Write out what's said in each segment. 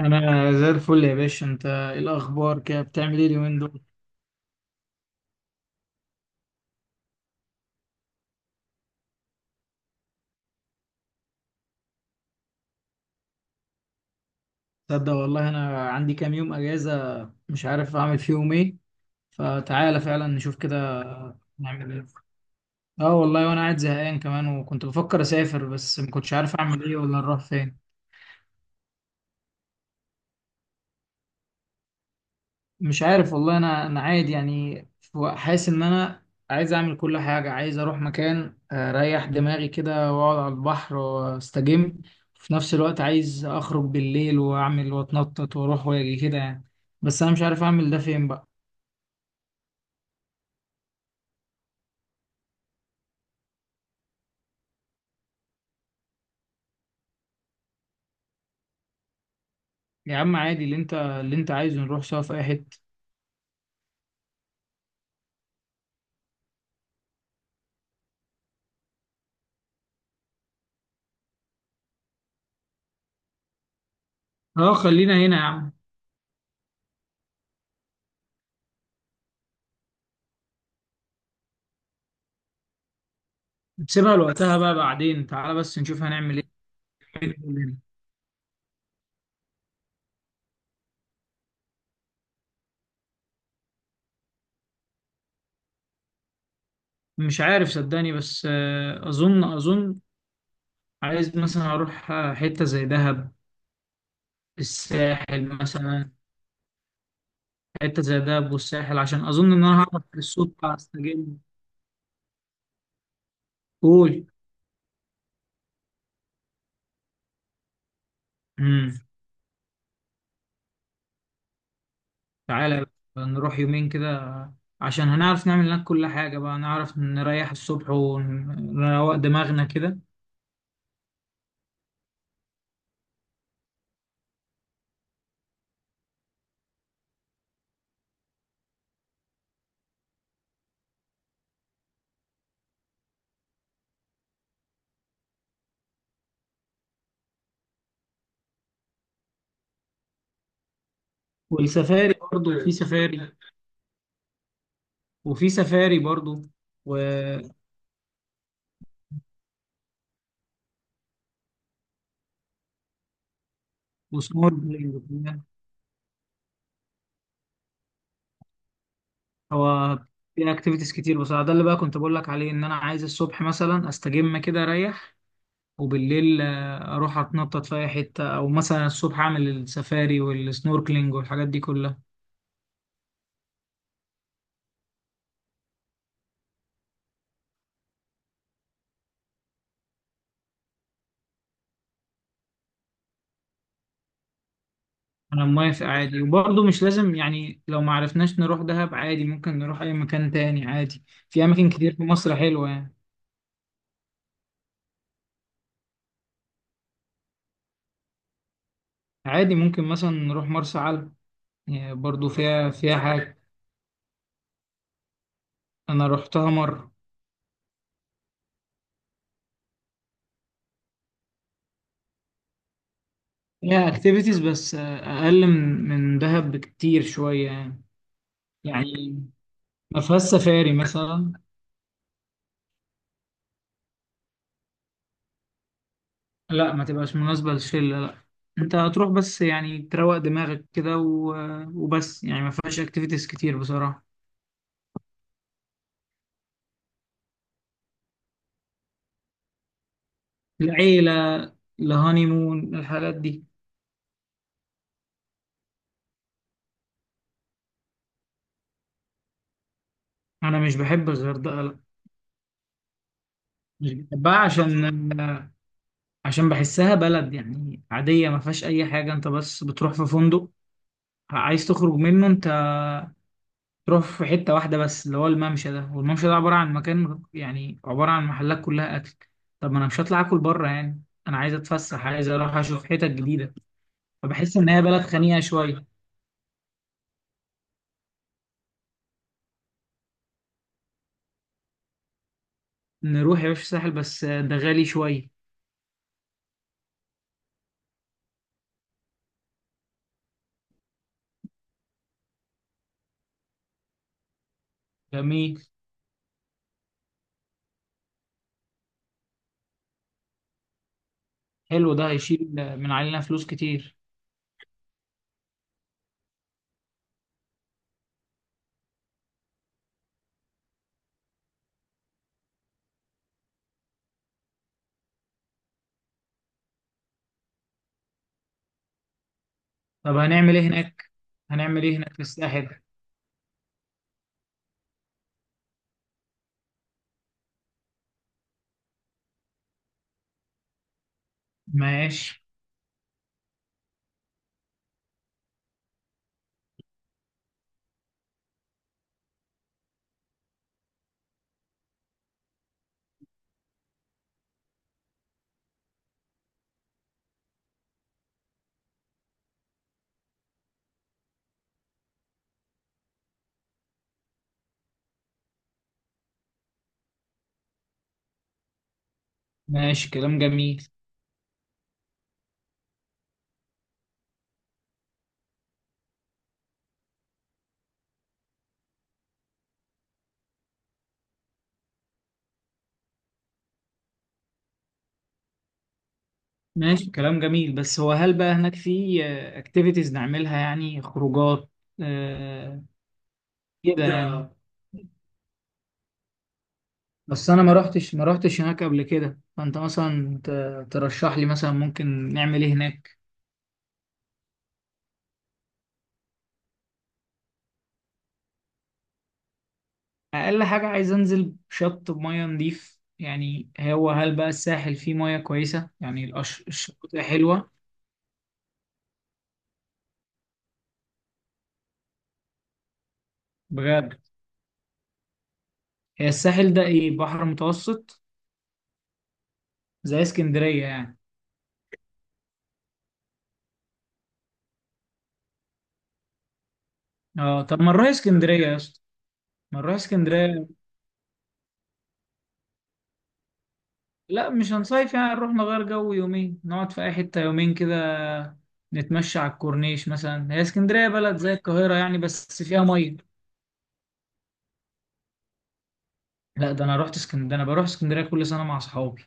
انا زي الفل يا باشا، انت ايه الاخبار كده؟ بتعمل ايه اليومين دول؟ تصدق والله انا عندي كام يوم اجازه، مش عارف اعمل فيهم ايه. فتعالى فعلا نشوف كده نعمل ايه. اه والله، وانا قاعد زهقان كمان وكنت بفكر اسافر، بس ما كنتش عارف اعمل ايه ولا نروح فين. مش عارف والله، انا عادي يعني حاسس ان انا عايز اعمل كل حاجه، عايز اروح مكان اريح دماغي كده واقعد على البحر واستجم. في نفس الوقت عايز اخرج بالليل واعمل واتنطط واروح واجي كده يعني، بس انا مش عارف اعمل ده فين بقى. يا عم عادي اللي انت عايزه نروح سوا في اي حته. اه خلينا هنا يا عم. نسيبها لوقتها بقى، بعدين تعالى بس نشوف هنعمل ايه. مش عارف صدقني، بس اظن عايز مثلا اروح حته زي دهب. الساحل مثلا. حتة زي دهب والساحل عشان أظن إن أنا هعرف الصوت هستجم. قول. امم. تعالى بقى نروح يومين كده، عشان هنعرف نعمل هناك كل حاجة، بقى نعرف نريح الصبح ونروق دماغنا كده. والسفاري برضو، في سفاري وفي سفاري برضو و... وسنوركلينج وكده. هو في اكتيفيتيز كتير بصراحة، ده اللي بقى كنت بقول لك عليه، ان انا عايز الصبح مثلا استجم كده اريح، وبالليل اروح اتنطط في اي حته، او مثلا الصبح اعمل السفاري والسنوركلينج والحاجات دي كلها. انا موافق عادي، وبرضه مش لازم يعني، لو ما عرفناش نروح دهب عادي ممكن نروح اي مكان تاني عادي. في اماكن كتير في مصر حلوه يعني. عادي ممكن مثلا نروح مرسى علم. يعني برضه فيها حاجه. انا روحتها مره. فيها اكتيفيتيز، بس اقل من دهب بكتير شويه يعني. يعني ما فيهاش سفاري مثلا. لا ما تبقاش مناسبة للشلة، لا. انت هتروح بس يعني تروق دماغك كده وبس، يعني ما فيهاش اكتيفيتيز كتير بصراحة. العيلة، الهانيمون، الحاجات دي. انا مش بحب الغردقة، لا. مش بحبها عشان، عشان بحسها بلد يعني عادية، ما فيهاش اي حاجة. انت بس بتروح في فندق عايز تخرج منه، انت تروح في حتة واحدة بس اللي هو الممشى ده، والممشى ده عبارة عن مكان يعني عبارة عن محلات كلها اكل. طب ما انا مش هطلع اكل بره يعني. انا عايز اتفسح، عايز اروح اشوف حتت جديدة. فبحس ان هي بلد خنيقه شويه. نروح يا باشا الساحل، بس ده غالي شويه. جميل. حلو، ده هيشيل من علينا فلوس كتير. طب هنعمل ايه هناك؟ هنعمل ايه هناك في الساحل؟ ماشي. ماشي كلام جميل. ماشي كلام جميل، بس هو هل بقى هناك في اكتيفيتيز نعملها يعني خروجات آه، كده يعني؟ بس انا ما رحتش هناك قبل كده، فانت مثلا ترشح لي مثلا ممكن نعمل ايه هناك. اقل حاجه عايز انزل شط بميه نضيف، يعني هو هل بقى الساحل فيه ميه كويسه يعني؟ الشواطئ حلوه؟ بجد. هي الساحل ده ايه، بحر متوسط؟ زي اسكندريه يعني. اه طب ما نروح اسكندريه يا اسطى، ما نروح اسكندريه. لا مش هنصيف يعني، نروح نغير جو يومين، نقعد في اي حته يومين كده، نتمشى على الكورنيش مثلا. هي اسكندريه بلد زي القاهره يعني، بس فيها ميه. لا ده انا رحت اسكندريه، انا بروح اسكندريه كل سنه مع اصحابي.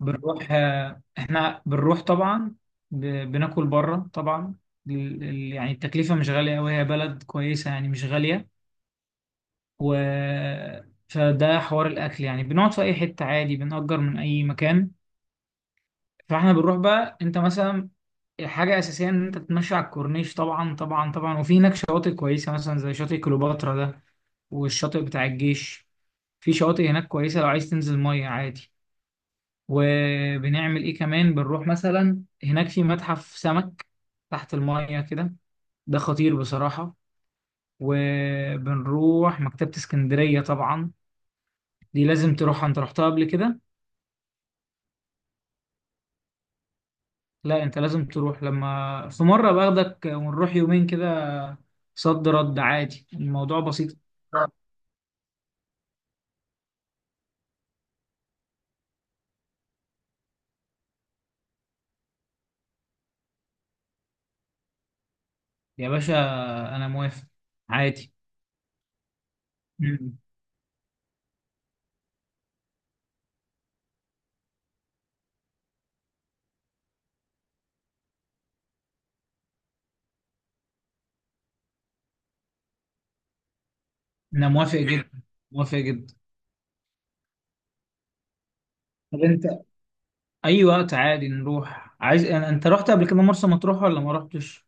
بنروح احنا بنروح طبعا، ب- بناكل بره طبعا. يعني التكلفة مش غالية أوي، هي بلد كويسة يعني مش غالية. و فده حوار الأكل يعني، بنقعد في أي حتة عادي، بنأجر من أي مكان. فاحنا بنروح بقى، أنت مثلا حاجة أساسية إن أنت تتمشى على الكورنيش طبعا طبعا طبعا. وفي هناك شواطئ كويسة مثلا، زي شاطئ كليوباترا ده، والشاطئ بتاع الجيش. في شواطئ هناك كويسة لو عايز تنزل مية عادي. وبنعمل ايه كمان، بنروح مثلا هناك في متحف سمك تحت المية كده، ده خطير بصراحة. وبنروح مكتبة اسكندرية طبعا، دي لازم تروحها. انت رحتها قبل كده؟ لا انت لازم تروح، لما في مرة باخدك ونروح يومين كده. صد رد عادي، الموضوع بسيط. يا باشا انا موافق عادي. مم. انا موافق جدا، موافق جدا. طب انت، اي وقت عادي نروح. عايز، انت رحت قبل كده مرسى مطروح ولا ما رحتش؟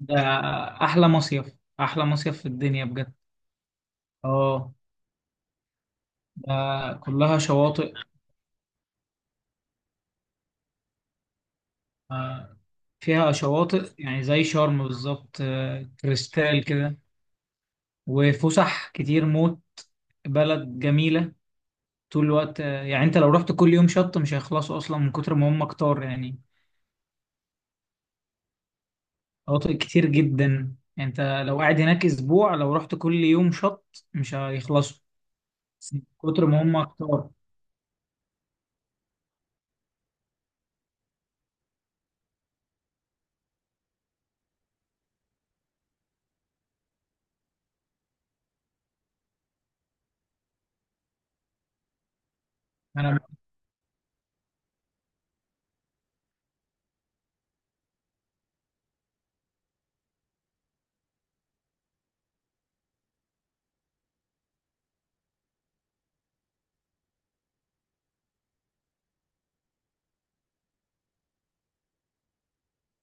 ده احلى مصيف، احلى مصيف في الدنيا بجد. اه. ده كلها شواطئ. آه، فيها شواطئ يعني زي شرم بالظبط، كريستال كده. وفسح كتير موت، بلد جميلة. طول الوقت يعني انت لو رحت كل يوم شط مش هيخلصوا اصلا من كتر ما هم كتار يعني. شواطئ كتير جدا. يعني انت لو قاعد هناك اسبوع، لو رحت كل يوم شط مش هيخلصوا من كتر ما هم كتار. انا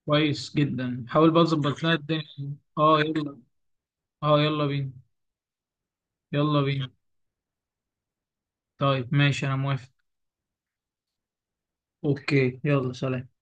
كويس جدا، حاول بقى تظبط لنا الدنيا. اه يلا. اه يلا بينا، يلا بينا. طيب ماشي، انا موافق. اوكي، يلا سلام.